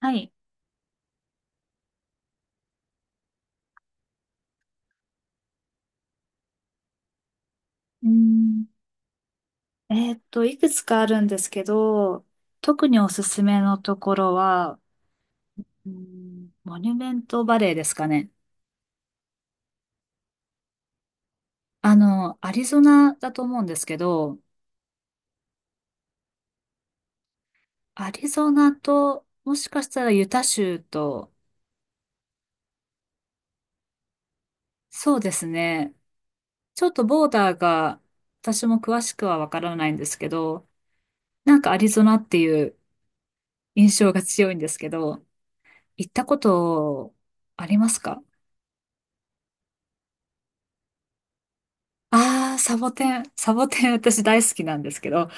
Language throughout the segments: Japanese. はい。うん。いくつかあるんですけど、特におすすめのところは、うんモニュメントバレーですかね。あの、アリゾナだと思うんですけど、アリゾナと、もしかしたらユタ州と、そうですね。ちょっとボーダーが、私も詳しくはわからないんですけど、なんかアリゾナっていう印象が強いんですけど、行ったことありますか？ああ、サボテン、サボテン私大好きなんですけど、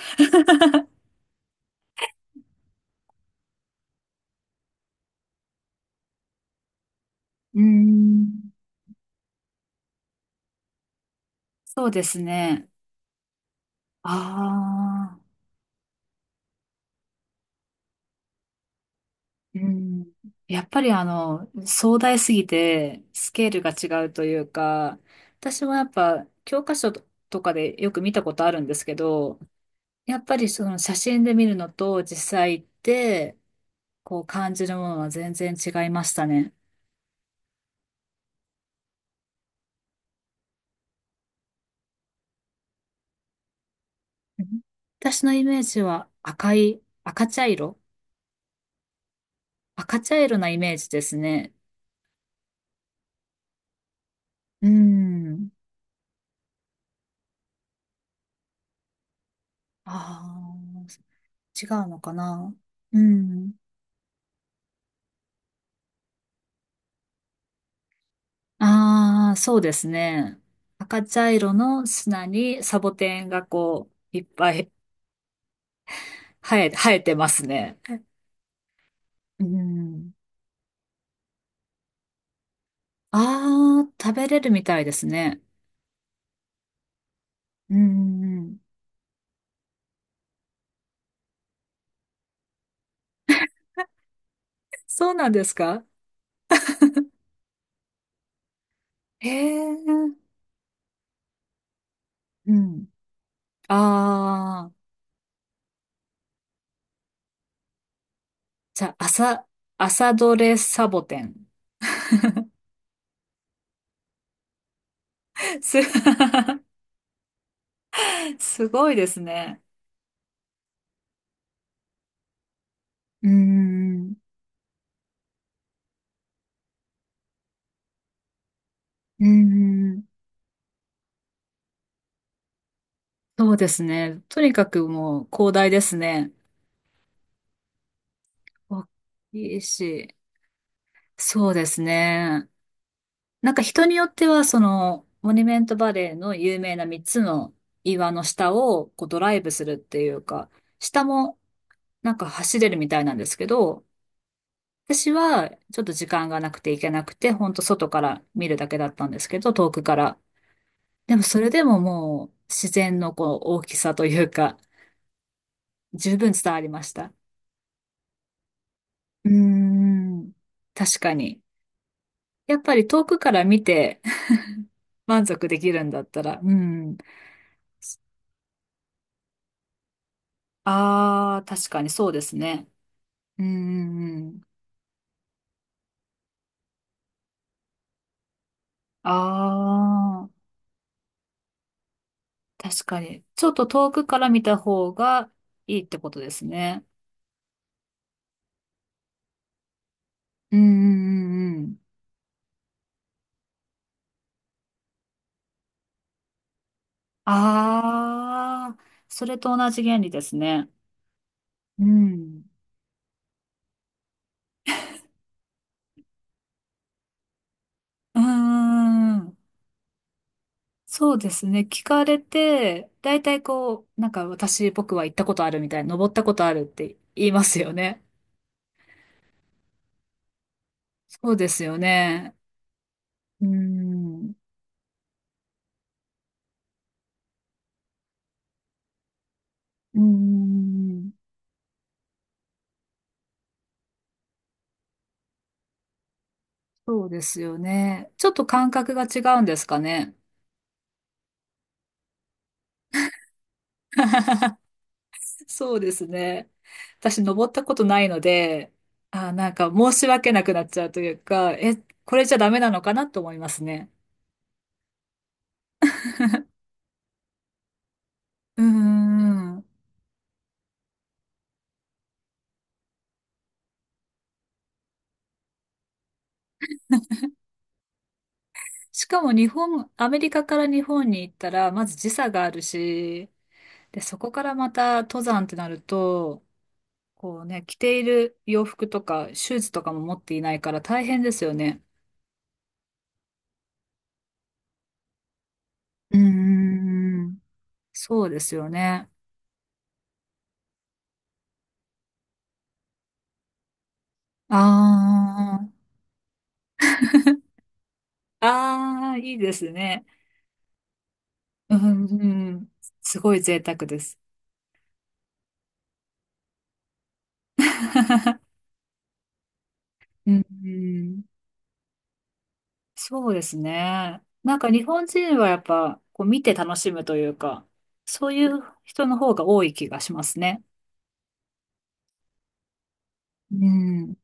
うーん、そうですね。ああ、うん。やっぱりあの、壮大すぎて、スケールが違うというか、私はやっぱ、教科書とかでよく見たことあるんですけど、やっぱりその写真で見るのと実際行って、こう感じるものは全然違いましたね。うん、私のイメージは赤い、赤茶色、赤茶色なイメージですね。うん。ああ、違うのかな。うん。ああ、そうですね。赤茶色の砂にサボテンがこう、いっぱい生えてますね。うん。ああ、食べれるみたいですね。うん。そうなんですか？へえ。うん。ああ、じゃあ、朝、朝どれサボテン。す、すごいですね。うん。うーん、そうですね。とにかくもう広大ですね。大きいし。そうですね。なんか人によっては、その、モニュメントバレーの有名な3つの岩の下をこうドライブするっていうか、下もなんか走れるみたいなんですけど、私はちょっと時間がなくて行けなくて、ほんと外から見るだけだったんですけど、遠くから。でもそれでももう自然のこう大きさというか、十分伝わりました。うーん。確かに。やっぱり遠くから見て 満足できるんだったら、うん。ああ、確かにそうですね。うんうんうん。ああ、確かに。ちょっと遠くから見た方がいいってことですね。うんうんうんうん。ああ、それと同じ原理ですね。うん。うんうんうん、そうですね。聞かれて、大体こう、なんか私、僕は行ったことあるみたいな、登ったことあるって言いますよね。そうですよね。うーん。うーん。そうですよね。ちょっと感覚が違うんですかね。そうですね。私、登ったことないので、あー、なんか申し訳なくなっちゃうというか、え、これじゃダメなのかなと思いますね。うーん。しかも日本、アメリカから日本に行ったら、まず時差があるし、で、そこからまた登山ってなると、こうね、着ている洋服とかシューズとかも持っていないから大変ですよね。うーん。そうですよね。あー、あー、いいですね。うん、うん、すごい贅沢です。うん、うん、そうですね。なんか日本人はやっぱこう見て楽しむというか、そういう人の方が多い気がしますね。うん。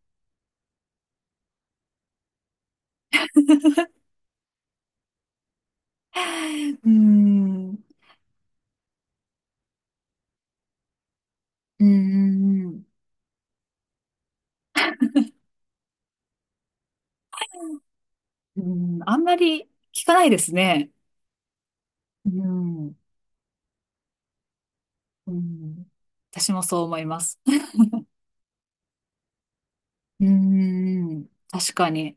うん。うーん、うん、あんまり聞かないですね。うん、うん、私もそう思います。うーん、確かに。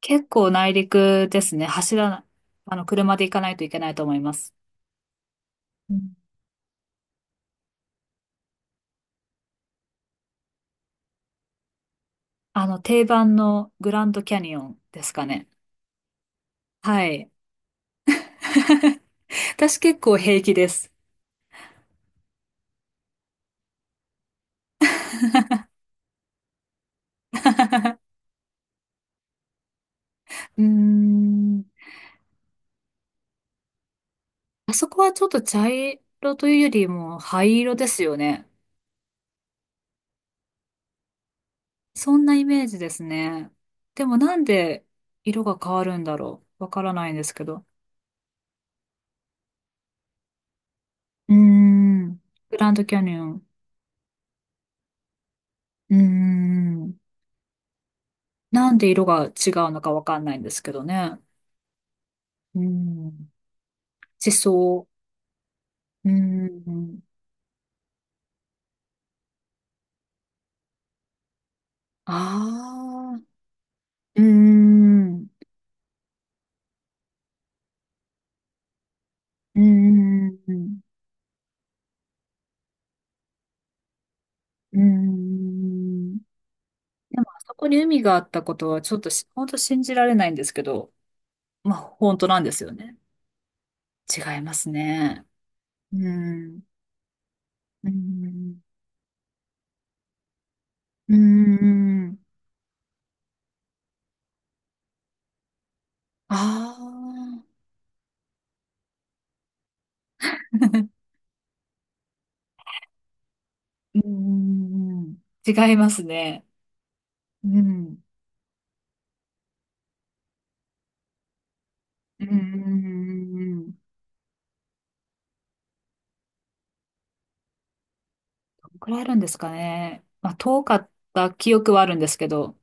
結構内陸ですね。走らな、あの、車で行かないといけないと思います。うん、あの、定番のグランドキャニオンですかね。はい。私結構平気です。うーん、あそこはちょっと茶色というよりも灰色ですよね。そんなイメージですね。でもなんで色が変わるんだろう。わからないんですけど。うーん。グランドキャニオン。うーん。なんで色が違うのかわかんないんですけどね。うーん。地層。うーん。ああ。うーん。うーん。うーん。でも、あそこに海があったことはちょっとし、本当信じられないんですけど、まあ、本当なんですよね。違いますね。うん。うん。うん。ああ。うん。違いますね。うん。うん。どのくらいあるんですかね。まあ、遠かった記憶はあるんですけど。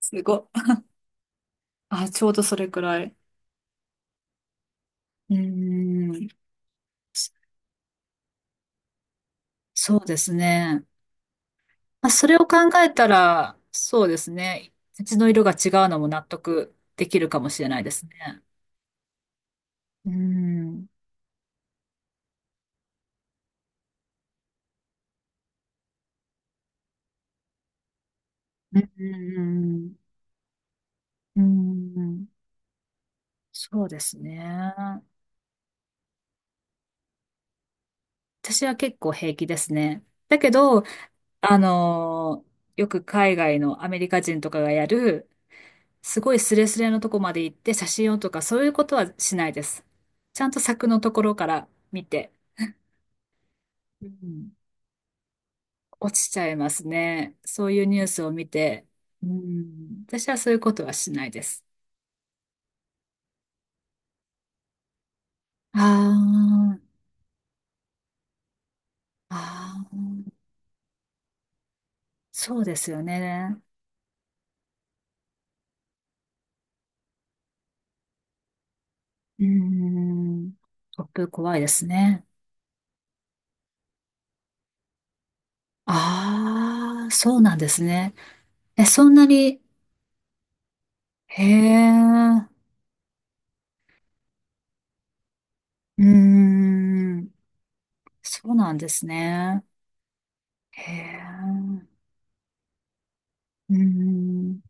すごい。あ、ちょうどそれくらい。うん。そ、そうですね。まあ、それを考えたら、そうですね。土の色が違うのも納得できるかもしれないですね。うん。うん。うん。うん。そうですね。私は結構平気ですね。だけど、あのーよく海外のアメリカ人とかがやる、すごいスレスレのとこまで行って写真をとか、そういうことはしないです。ちゃんと柵のところから見て、うん、落ちちゃいますね。そういうニュースを見て、うん、私はそういうことはしないです。あー、あー、そうですよね。うん、突風怖いですね。ああ、そうなんですね。え、そんなに、へえ、うーん、そうなんですね。へえ、うーん。